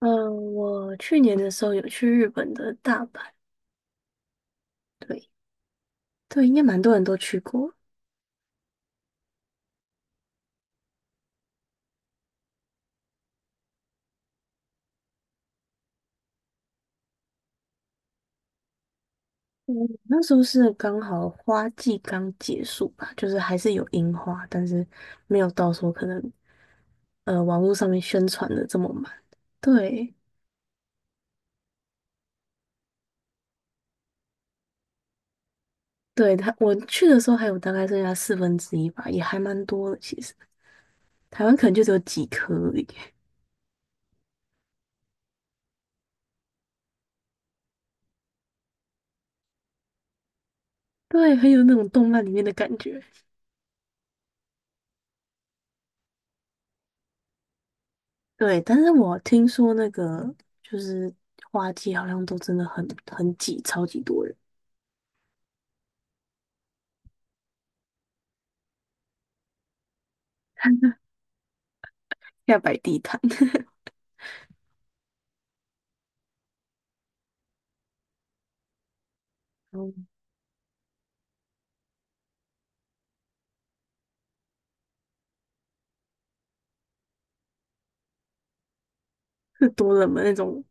嗯，我去年的时候有去日本的大阪。对对，应该蛮多人都去过。嗯，那时候是刚好花季刚结束吧，就是还是有樱花，但是没有到时候可能网络上面宣传的这么满。对对，他我去的时候还有大概剩下四分之一吧，也还蛮多的。其实台湾可能就只有几颗而已。对，很有那种动漫里面的感觉。对，但是我听说那个就是花季，好像都真的很挤，超级多人，要摆地摊。嗯，是多冷门那种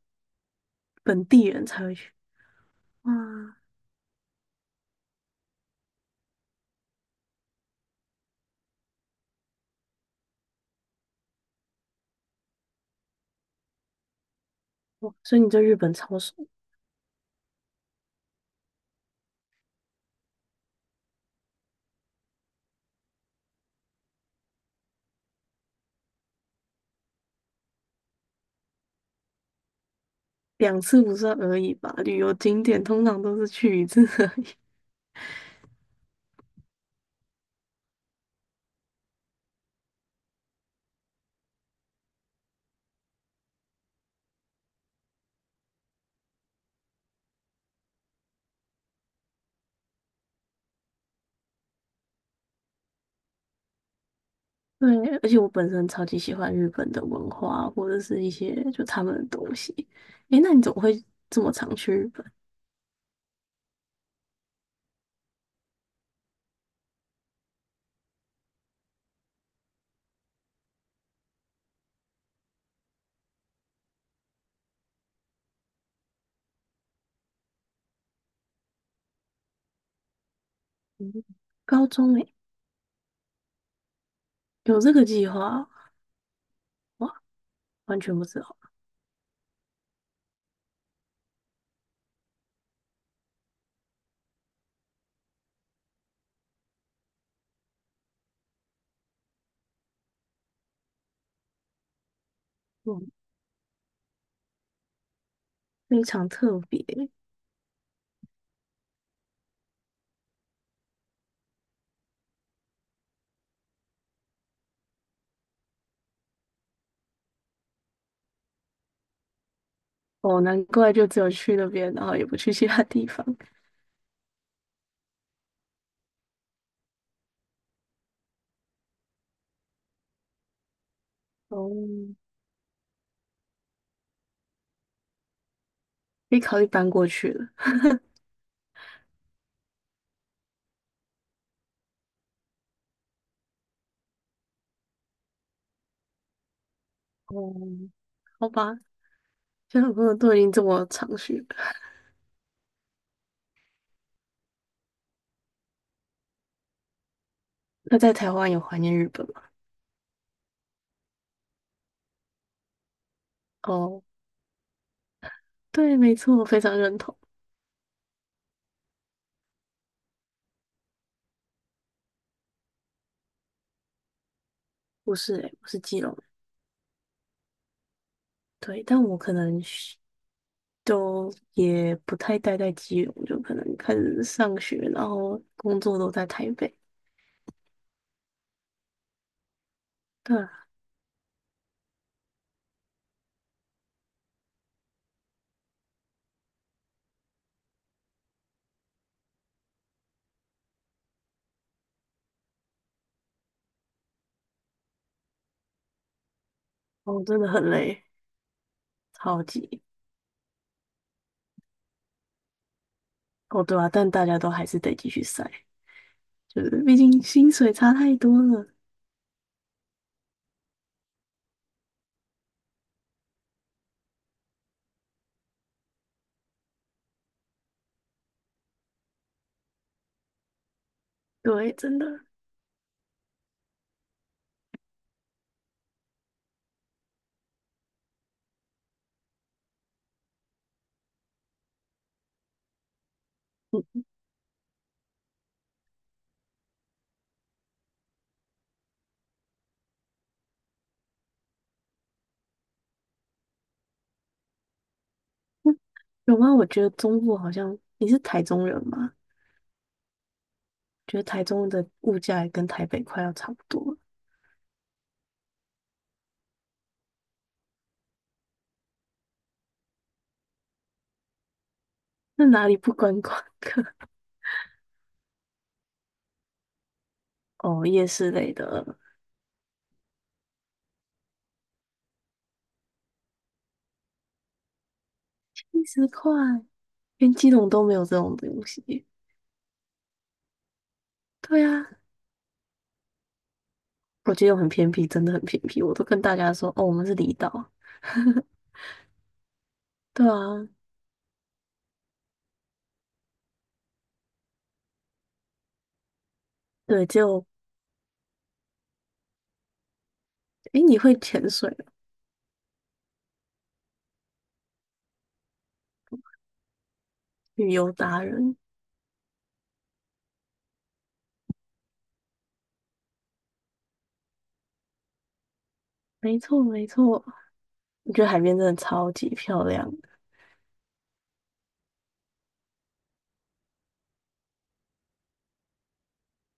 本地人才会去。哇，哇所以你对日本超熟。两次不算而已吧？旅游景点通常都是去一次而已。对，而且我本身超级喜欢日本的文化，或者是一些就他们的东西。诶，那你怎么会这么常去日本？嗯，高中诶，有这个计划？哇，完全不知道。非常特别。哦，难怪就只有去那边，然后也不去其他地方。哦，可以考虑搬过去了。哦，好吧，现在我朋友都已经这么长去了，那在台湾有怀念日本吗？哦，对，没错，我非常认同。不是诶、我是基隆人。对，但我可能是都也不太待在基隆，就可能开始上学，然后工作都在台北。对啊。哦，真的很累，超级。哦，对啊，但大家都还是得继续晒。就是毕竟薪水差太多了。对，真的。有吗？我觉得中部好像你是台中人吗？觉得台中的物价也跟台北快要差不多了。那哪里不观光客？哦，夜市类的。七十块，连基隆都没有这种东西。对啊，我基隆很偏僻，真的很偏僻。我都跟大家说，哦，我们是离岛。对啊。对，就，诶，你会潜水哦，旅游达人。没错没错，我觉得海边真的超级漂亮。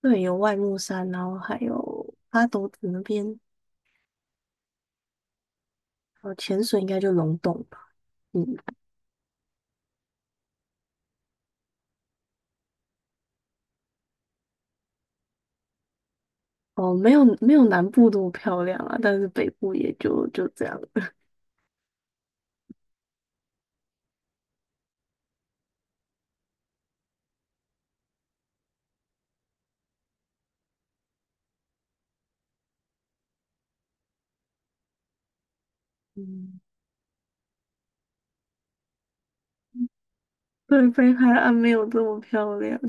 对，有外木山，然后还有阿斗子那边。呃，潜水应该就龙洞吧。嗯，哦，没有没有南部那么漂亮啊，但是北部也就这样。嗯，对，北海岸没有这么漂亮。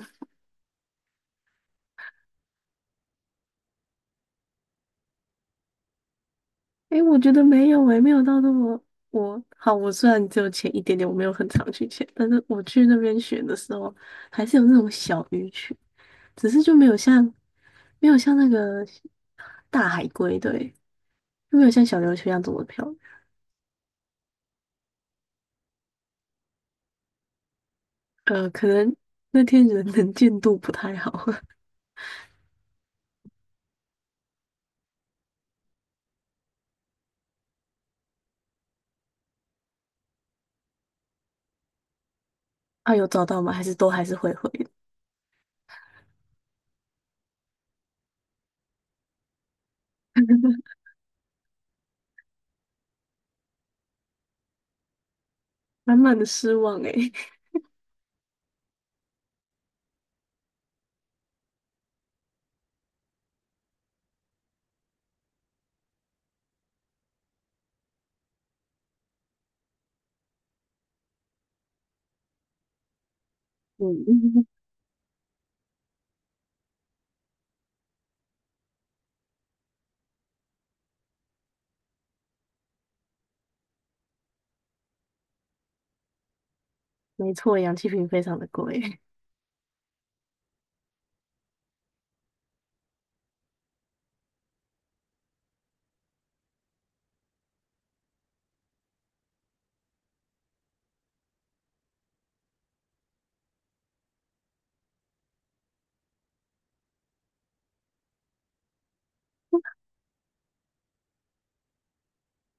诶，我觉得没有诶，没有到那么我好。我虽然只有潜一点点，我没有很常去潜，但是我去那边学的时候，还是有那种小鱼群，只是就没有像那个大海龟，对，就没有像小琉球一样这么漂亮。呃，可能那天人能见 度不太好。啊，有找到吗？还是都还是会回的。 满满的失望诶、嗯，没错，氧气瓶非常的贵。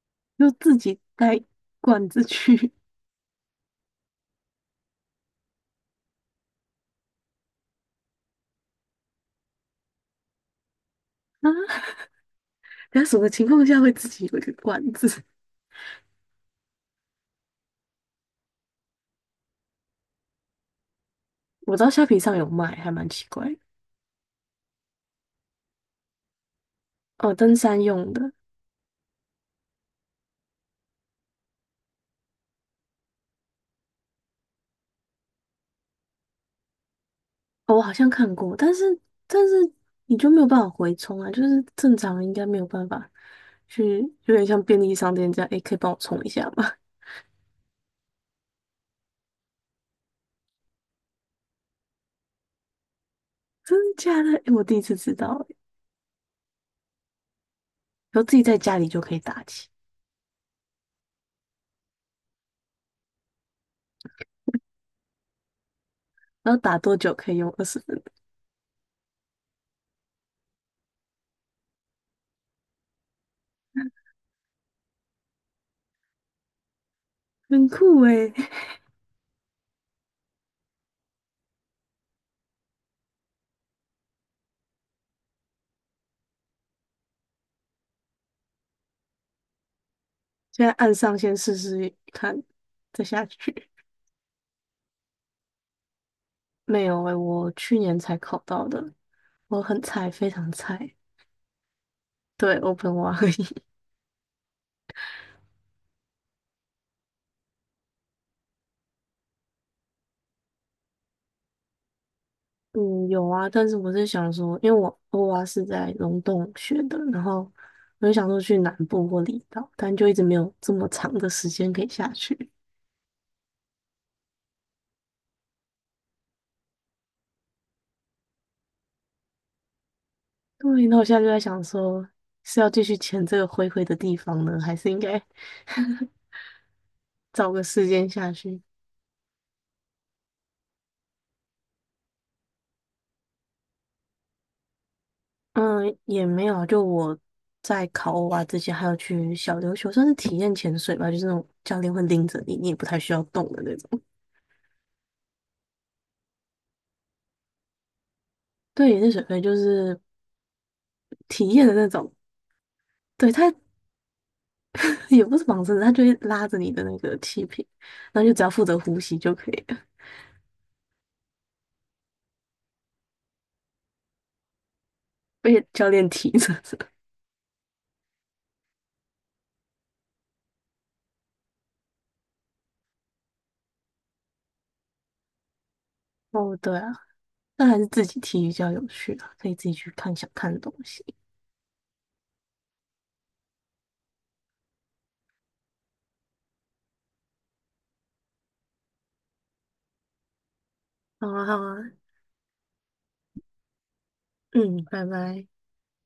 就自己带罐子去。 啊。那什么情况下会自己有一个罐子？我知道虾皮上有卖，还蛮奇怪的。哦，登山用的。哦，我好像看过，但是但是你就没有办法回充啊，就是正常人应该没有办法去，有点像便利商店这样，诶、可以帮我充一下吗？真的假的？诶，我第一次知道诶。然后自己在家里就可以打气，然后打多久可以用20分。很酷哎！现在按上先试试看，再下去。没有哎，我去年才考到的，我很菜，非常菜。对，Open 蛙而已。嗯，有啊，但是我是想说，因为我欧蛙是在龙洞学的，然后我就想说去南部或离岛，但就一直没有这么长的时间可以下去。对，那我现在就在想说，是要继续潜这个灰灰的地方呢，还是应该 找个时间下去？嗯，也没有啊，就我在考欧啊之前，还有去小琉球，算是体验潜水吧，就是那种教练会拎着你，你也不太需要动的那种。对，也是水肺就是体验的那种。对，他 也不是绑绳的，他就会拉着你的那个气瓶，然后就只要负责呼吸就可以了，被教练提着。哦，对啊，那还是自己踢比较有趣啊，可以自己去看想看的东西。好啊，好啊，嗯，拜拜。